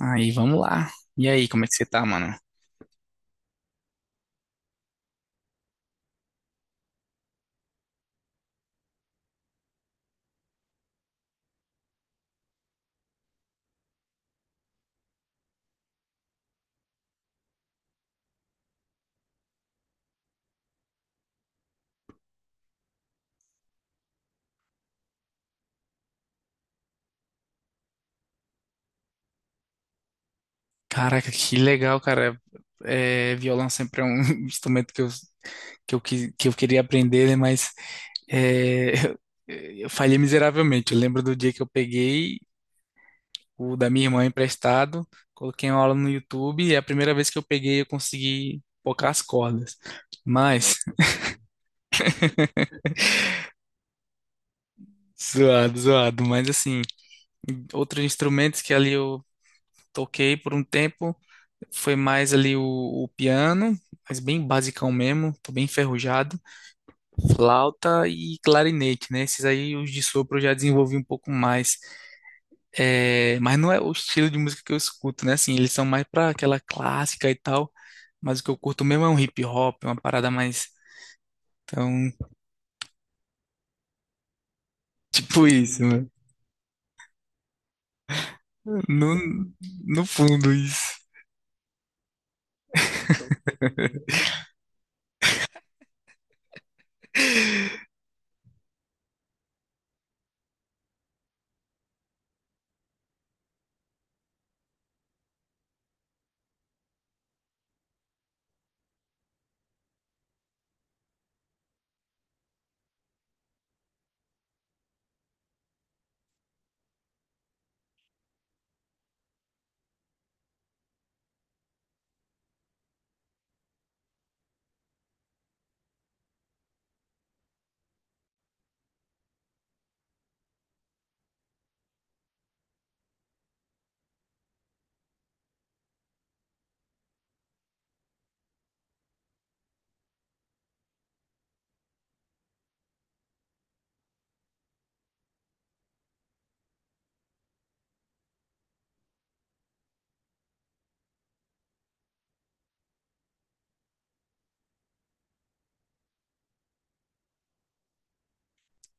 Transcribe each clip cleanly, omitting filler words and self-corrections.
Aí, vamos lá. E aí, como é que você tá, mano? Caraca, que legal, cara. É, violão sempre é um instrumento que eu queria aprender, né? Mas é, eu falhei miseravelmente. Eu lembro do dia que eu peguei o da minha irmã emprestado, coloquei uma aula no YouTube e é a primeira vez que eu peguei eu consegui tocar as cordas. Mas, zoado, zoado. Mas assim, outros instrumentos que ali eu toquei por um tempo. Foi mais ali o piano, mas bem basicão mesmo, tô bem enferrujado. Flauta e clarinete, né? Esses aí, os de sopro, eu já desenvolvi um pouco mais. É, mas não é o estilo de música que eu escuto, né? Assim, eles são mais pra aquela clássica e tal. Mas o que eu curto mesmo é um hip hop, uma parada mais. Então, tipo isso, né? No, no fundo, isso.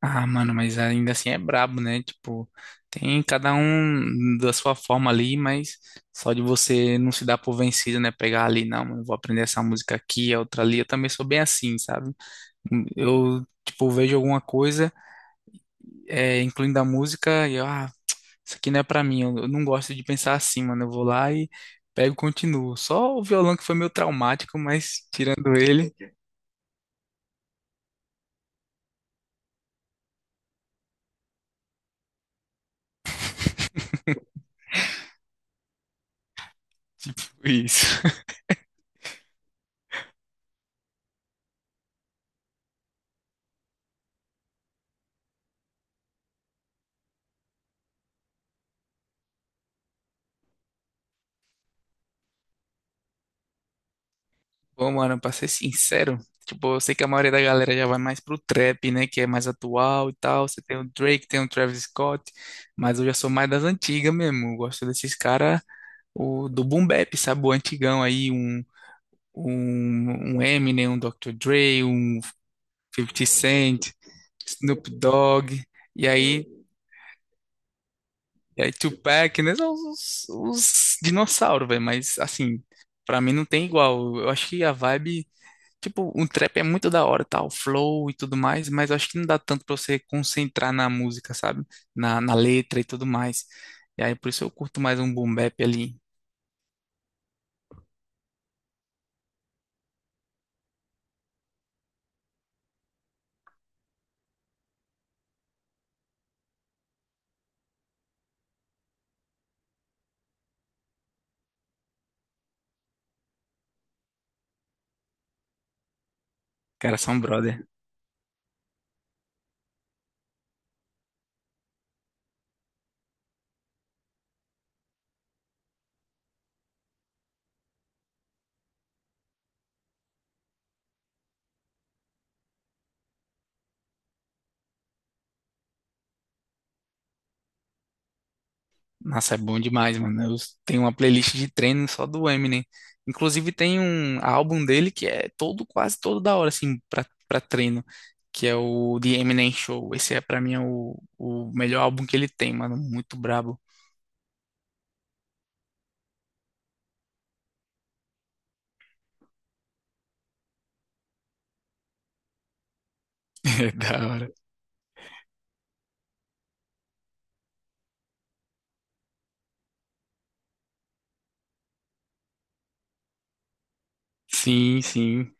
Ah, mano, mas ainda assim é brabo, né? Tipo, tem cada um da sua forma ali, mas só de você não se dar por vencido, né? Pegar ali, não, mano, eu vou aprender essa música aqui, a outra ali. Eu também sou bem assim, sabe? Eu, tipo, vejo alguma coisa, é, incluindo a música, e eu, ah, isso aqui não é pra mim. Eu não gosto de pensar assim, mano. Eu vou lá e pego e continuo. Só o violão que foi meio traumático, mas tirando ele, foi isso. Bom, mano, pra ser sincero, tipo, eu sei que a maioria da galera já vai mais pro trap, né, que é mais atual e tal. Você tem o Drake, tem o Travis Scott, mas eu já sou mais das antigas mesmo. Eu gosto desses caras, o do boom bap, sabe, o antigão aí, um Eminem, um Dr. Dre, um Fifty Cent, Snoop Dogg, e aí, e aí Tupac, né, são os dinossauros, velho, mas assim, pra mim não tem igual. Eu acho que a vibe. Tipo, um trap é muito da hora, tal, flow e tudo mais, mas eu acho que não dá tanto pra você concentrar na música, sabe? Na letra e tudo mais. E aí, por isso eu curto mais um boom bap ali. Cara, são brother. Nossa, é bom demais, mano. Eu tenho uma playlist de treino só do Eminem. Inclusive, tem um álbum dele que é todo, quase todo da hora, assim, pra treino, que é o The Eminem Show. Esse é, pra mim, é o melhor álbum que ele tem, mano. Muito brabo. É da hora. Sim, sim.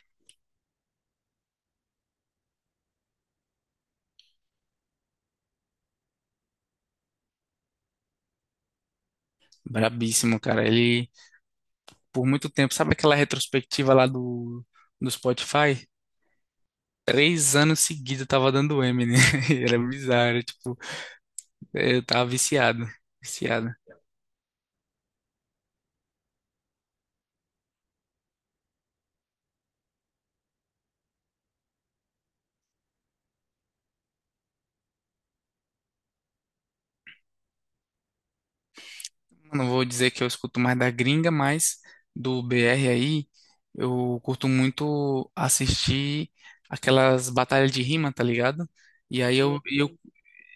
Brabíssimo, cara. Ele, por muito tempo, sabe aquela retrospectiva lá do Spotify? Três anos seguidos eu tava dando M, né? Era bizarro, tipo, eu tava viciado, viciado. Não vou dizer que eu escuto mais da gringa, mas do BR aí, eu curto muito assistir aquelas batalhas de rima, tá ligado? E aí eu, Uhum.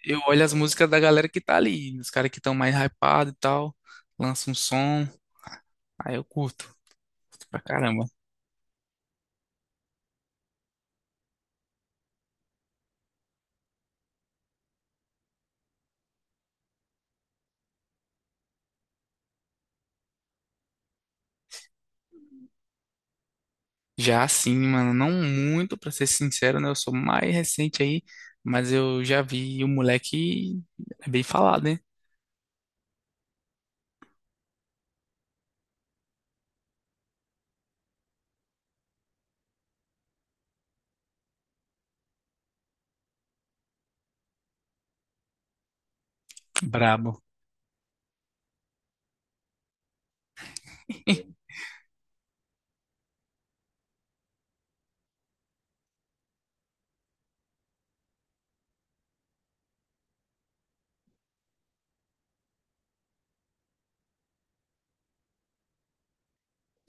eu olho as músicas da galera que tá ali, os caras que estão mais hypados e tal, lança um som, aí eu curto. Curto pra caramba. Já assim, mano, não muito, pra ser sincero, né? Eu sou mais recente aí, mas eu já vi o moleque é bem falado, né? Brabo.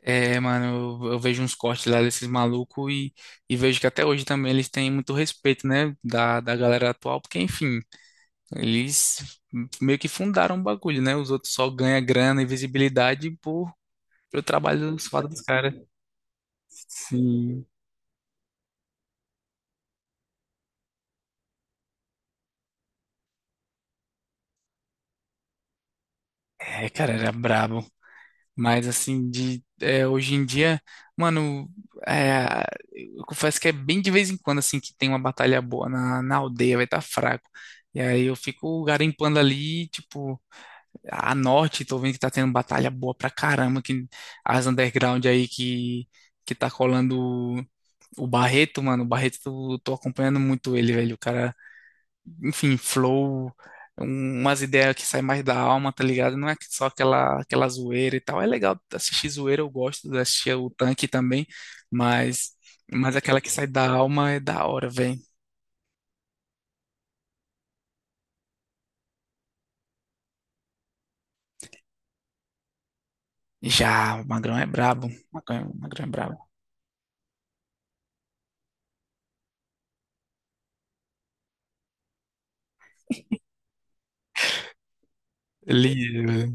É, mano, eu vejo uns cortes lá desses malucos e vejo que até hoje também eles têm muito respeito, né? Da galera atual, porque, enfim, eles meio que fundaram o bagulho, né? Os outros só ganham grana e visibilidade por, pelo trabalho suado dos caras. Sim. É, cara, era brabo. Mas assim, de é, hoje em dia, mano, é, eu confesso que é bem de vez em quando assim que tem uma batalha boa na aldeia, vai estar fraco. E aí eu fico garimpando ali, tipo, a norte, tô vendo que tá tendo batalha boa pra caramba, que as underground aí que tá colando o Barreto, mano, o Barreto, tô acompanhando muito ele, velho. O cara enfim, flow, umas ideias que saem mais da alma, tá ligado? Não é que- só aquela, aquela zoeira e tal. É legal assistir zoeira, eu gosto de assistir o tanque também, mas, mas aquela que sai da alma é da hora, velho. Já, o Magrão é brabo. O Magrão é brabo. Ele,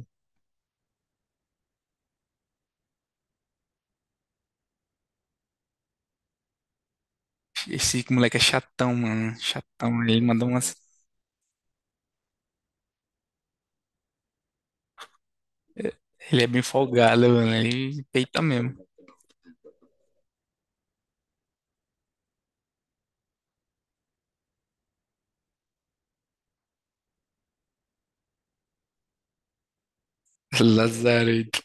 esse moleque é chatão, mano. Chatão. Ele manda umas. Ele é bem folgado, mano. Ele peita mesmo. Lazarento.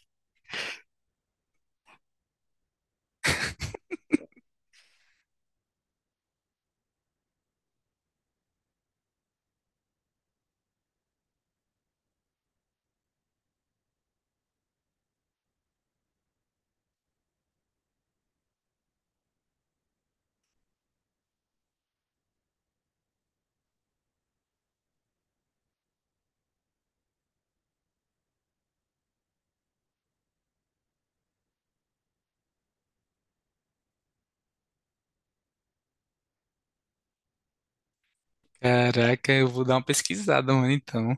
Caraca, eu vou dar uma pesquisada, mano, então.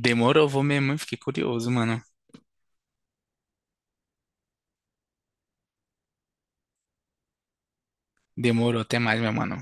Demorou, vou mesmo, hein? Fiquei curioso, mano. Demorou, até mais, meu mano.